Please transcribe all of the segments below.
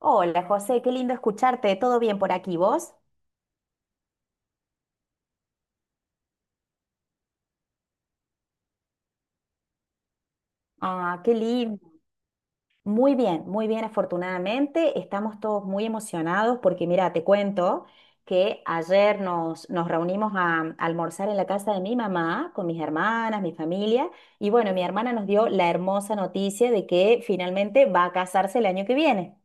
Hola José, qué lindo escucharte. ¿Todo bien por aquí vos? Ah, qué lindo. Muy bien, afortunadamente. Estamos todos muy emocionados porque mira, te cuento que ayer nos reunimos a almorzar en la casa de mi mamá con mis hermanas, mi familia. Y bueno, mi hermana nos dio la hermosa noticia de que finalmente va a casarse el año que viene.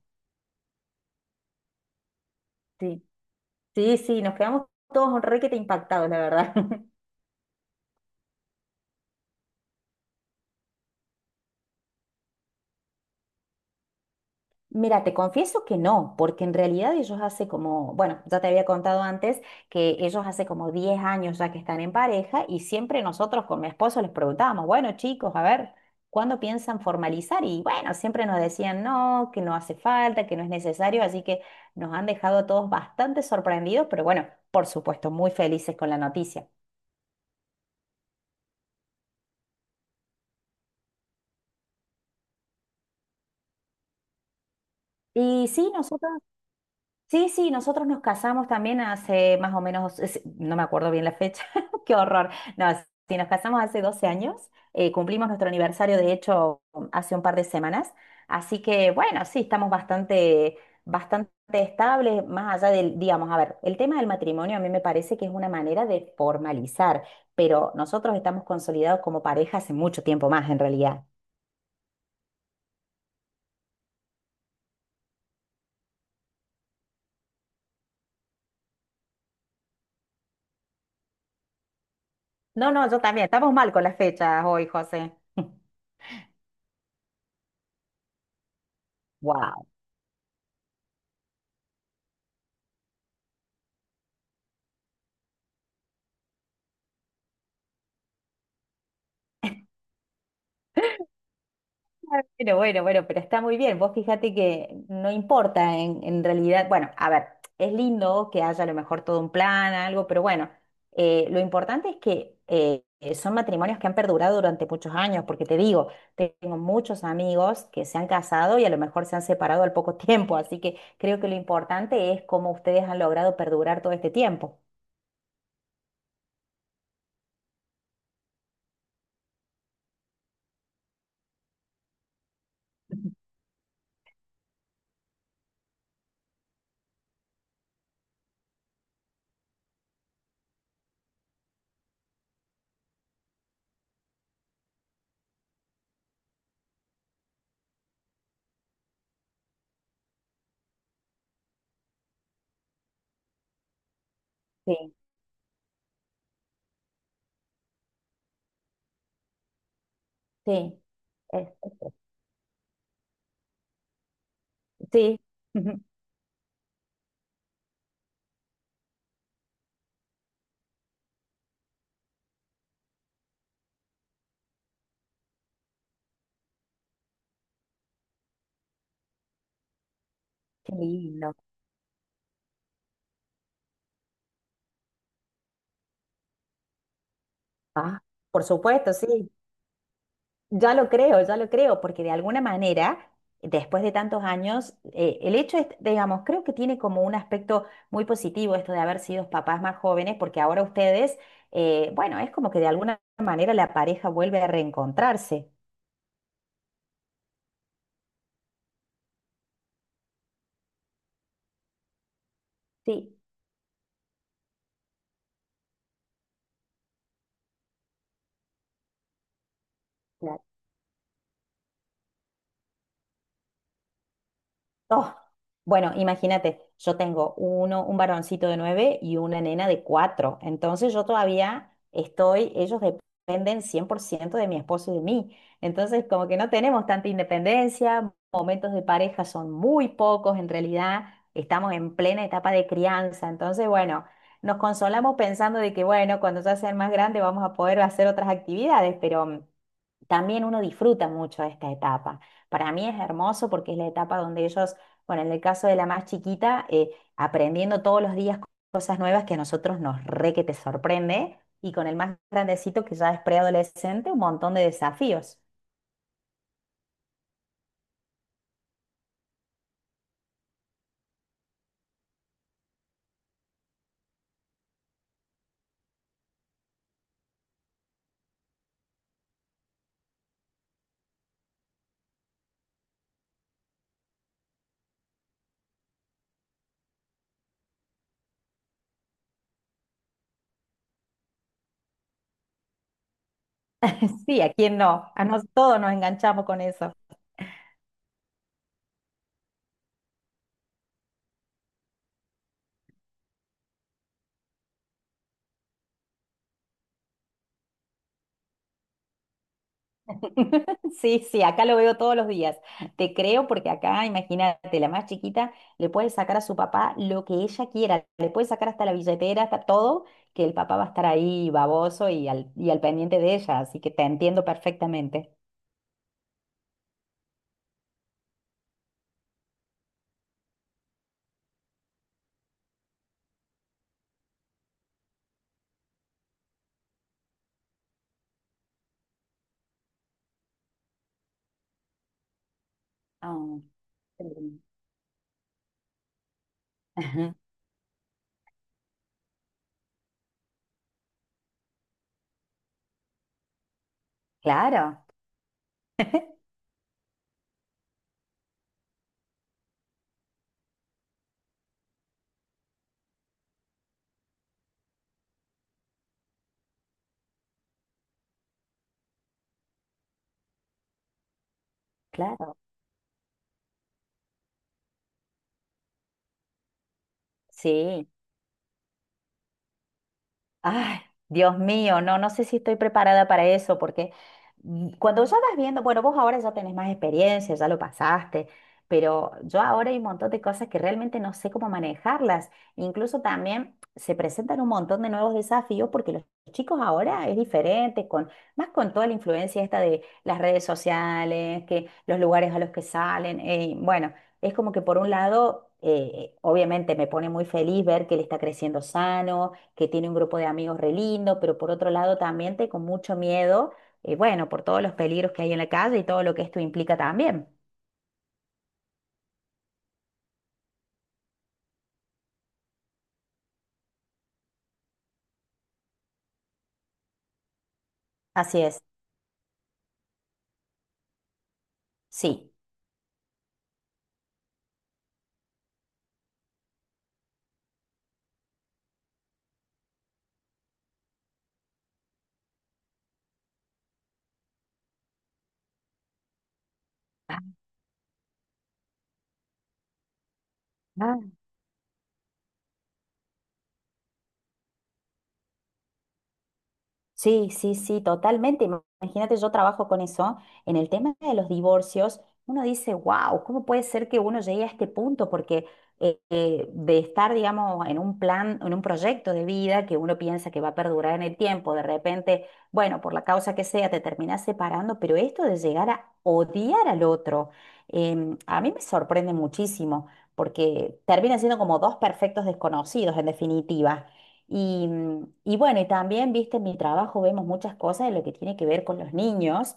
Sí, sí, sí, nos quedamos todos un requete impactados, la verdad. Mira, te confieso que no, porque en realidad ellos hace como, bueno, ya te había contado antes que ellos hace como 10 años ya que están en pareja y siempre nosotros con mi esposo les preguntábamos, bueno, chicos, a ver, ¿cuándo piensan formalizar? Y bueno, siempre nos decían no, que no hace falta, que no es necesario, así que nos han dejado a todos bastante sorprendidos, pero bueno, por supuesto, muy felices con la noticia. Y sí, nosotros. Sí, sí, nosotros nos casamos también hace más o menos, no me acuerdo bien la fecha, qué horror. No, sí, nos casamos hace 12 años, cumplimos nuestro aniversario, de hecho, hace un par de semanas. Así que, bueno, sí, estamos bastante, bastante estables, más allá del, digamos, a ver, el tema del matrimonio a mí me parece que es una manera de formalizar, pero nosotros estamos consolidados como pareja hace mucho tiempo más, en realidad. No, no, yo también, estamos mal con las fechas hoy, José. Wow. Bueno, bueno, bueno, pero está muy bien. Vos fíjate que no importa en realidad. Bueno, a ver, es lindo que haya a lo mejor todo un plan, algo, pero bueno, lo importante es que son matrimonios que han perdurado durante muchos años, porque te digo, tengo muchos amigos que se han casado y a lo mejor se han separado al poco tiempo, así que creo que lo importante es cómo ustedes han logrado perdurar todo este tiempo. Sí, sí, es- es- sí, qué lindo. Ah, por supuesto, sí. Ya lo creo, porque de alguna manera, después de tantos años, el hecho es, digamos, creo que tiene como un aspecto muy positivo esto de haber sido papás más jóvenes, porque ahora ustedes, bueno, es como que de alguna manera la pareja vuelve a reencontrarse. Sí. Oh, bueno, imagínate, yo tengo un varoncito de nueve y una nena de cuatro. Entonces yo todavía estoy, ellos dependen 100% de mi esposo y de mí. Entonces como que no tenemos tanta independencia, momentos de pareja son muy pocos en realidad, estamos en plena etapa de crianza. Entonces, bueno, nos consolamos pensando de que, bueno, cuando ya sean más grandes vamos a poder hacer otras actividades, pero también uno disfruta mucho esta etapa. Para mí es hermoso porque es la etapa donde ellos, bueno, en el caso de la más chiquita, aprendiendo todos los días cosas nuevas que a nosotros nos re que te sorprende, y con el más grandecito que ya es preadolescente, un montón de desafíos. Sí, ¿a quién no? A nosotros todos nos enganchamos con eso. Sí, sí, acá lo veo todos los días. Te creo porque acá, imagínate, la más chiquita le puede sacar a su papá lo que ella quiera, le puede sacar hasta la billetera, hasta todo, que el papá va a estar ahí baboso y al pendiente de ella, así que te entiendo perfectamente. Mm. Ajá. Claro, claro, sí. Ay, Dios mío, no, no sé si estoy preparada para eso, porque cuando ya vas viendo, bueno, vos ahora ya tenés más experiencia, ya lo pasaste, pero yo ahora hay un montón de cosas que realmente no sé cómo manejarlas. Incluso también se presentan un montón de nuevos desafíos porque los chicos ahora es diferente, más con toda la influencia esta de las redes sociales, que los lugares a los que salen, bueno. Es como que por un lado, obviamente me pone muy feliz ver que él está creciendo sano, que tiene un grupo de amigos re lindo, pero por otro lado también tengo mucho miedo, bueno, por todos los peligros que hay en la calle y todo lo que esto implica también. Así es, sí. Ah. Sí, sí, sí, totalmente. Imagínate, yo trabajo con eso. En el tema de los divorcios, uno dice, wow, ¿cómo puede ser que uno llegue a este punto? Porque de estar, digamos, en un plan, en un proyecto de vida que uno piensa que va a perdurar en el tiempo, de repente, bueno, por la causa que sea, te terminas separando, pero esto de llegar a odiar al otro, a mí me sorprende muchísimo, porque terminan siendo como dos perfectos desconocidos, en definitiva. Y bueno, y también, viste, en mi trabajo vemos muchas cosas de lo que tiene que ver con los niños.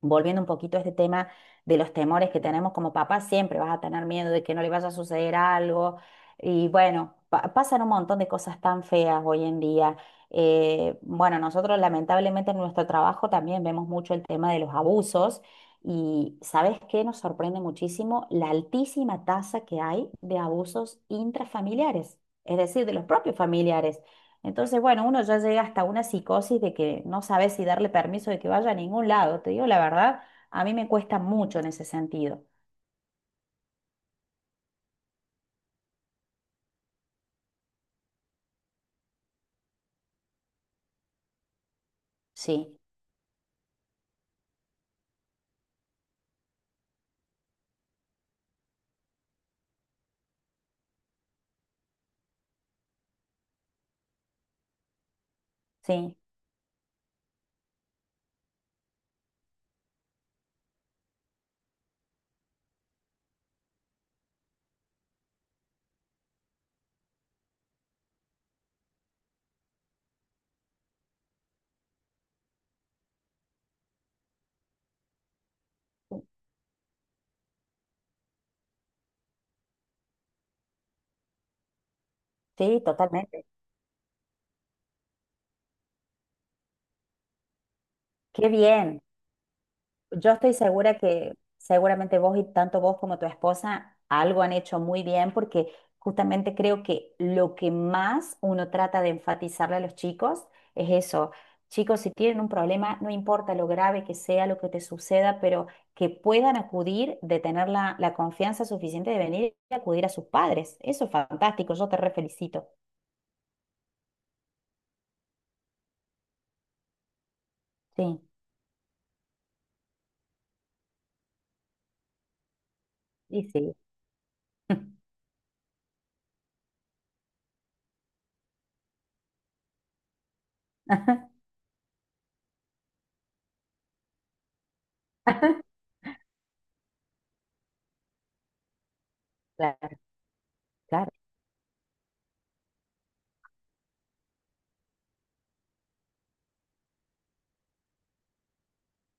Volviendo un poquito a este tema de los temores que tenemos como papás, siempre vas a tener miedo de que no le vaya a suceder algo. Y bueno, pasan un montón de cosas tan feas hoy en día. Bueno, nosotros lamentablemente en nuestro trabajo también vemos mucho el tema de los abusos. Y ¿sabes qué? Nos sorprende muchísimo la altísima tasa que hay de abusos intrafamiliares, es decir, de los propios familiares. Entonces, bueno, uno ya llega hasta una psicosis de que no sabe si darle permiso de que vaya a ningún lado. Te digo la verdad, a mí me cuesta mucho en ese sentido. Sí, sí, sí, totalmente. Qué bien. Yo estoy segura que seguramente vos y tanto vos como tu esposa algo han hecho muy bien porque justamente creo que lo que más uno trata de enfatizarle a los chicos es eso. Chicos, si tienen un problema, no importa lo grave que sea, lo que te suceda, pero que puedan acudir, de tener la confianza suficiente de venir y acudir a sus padres. Eso es fantástico, yo te re felicito. Sí, y sí. Claro, claro.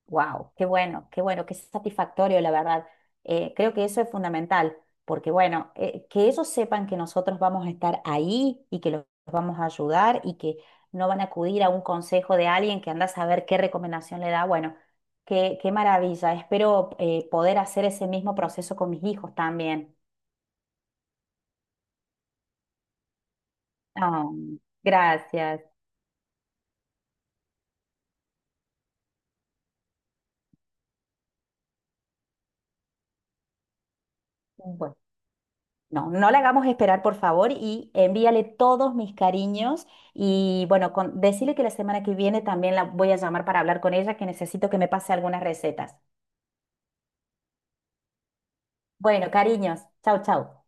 Wow, qué bueno, qué bueno, qué satisfactorio, la verdad. Creo que eso es fundamental, porque bueno, que ellos sepan que nosotros vamos a estar ahí y que los vamos a ayudar y que no van a acudir a un consejo de alguien que anda a saber qué recomendación le da. Bueno, qué maravilla. Espero poder hacer ese mismo proceso con mis hijos también. Ah, gracias. Bueno. No, no la hagamos esperar, por favor, y envíale todos mis cariños. Y bueno, decirle que la semana que viene también la voy a llamar para hablar con ella, que necesito que me pase algunas recetas. Bueno, cariños, chau, chau.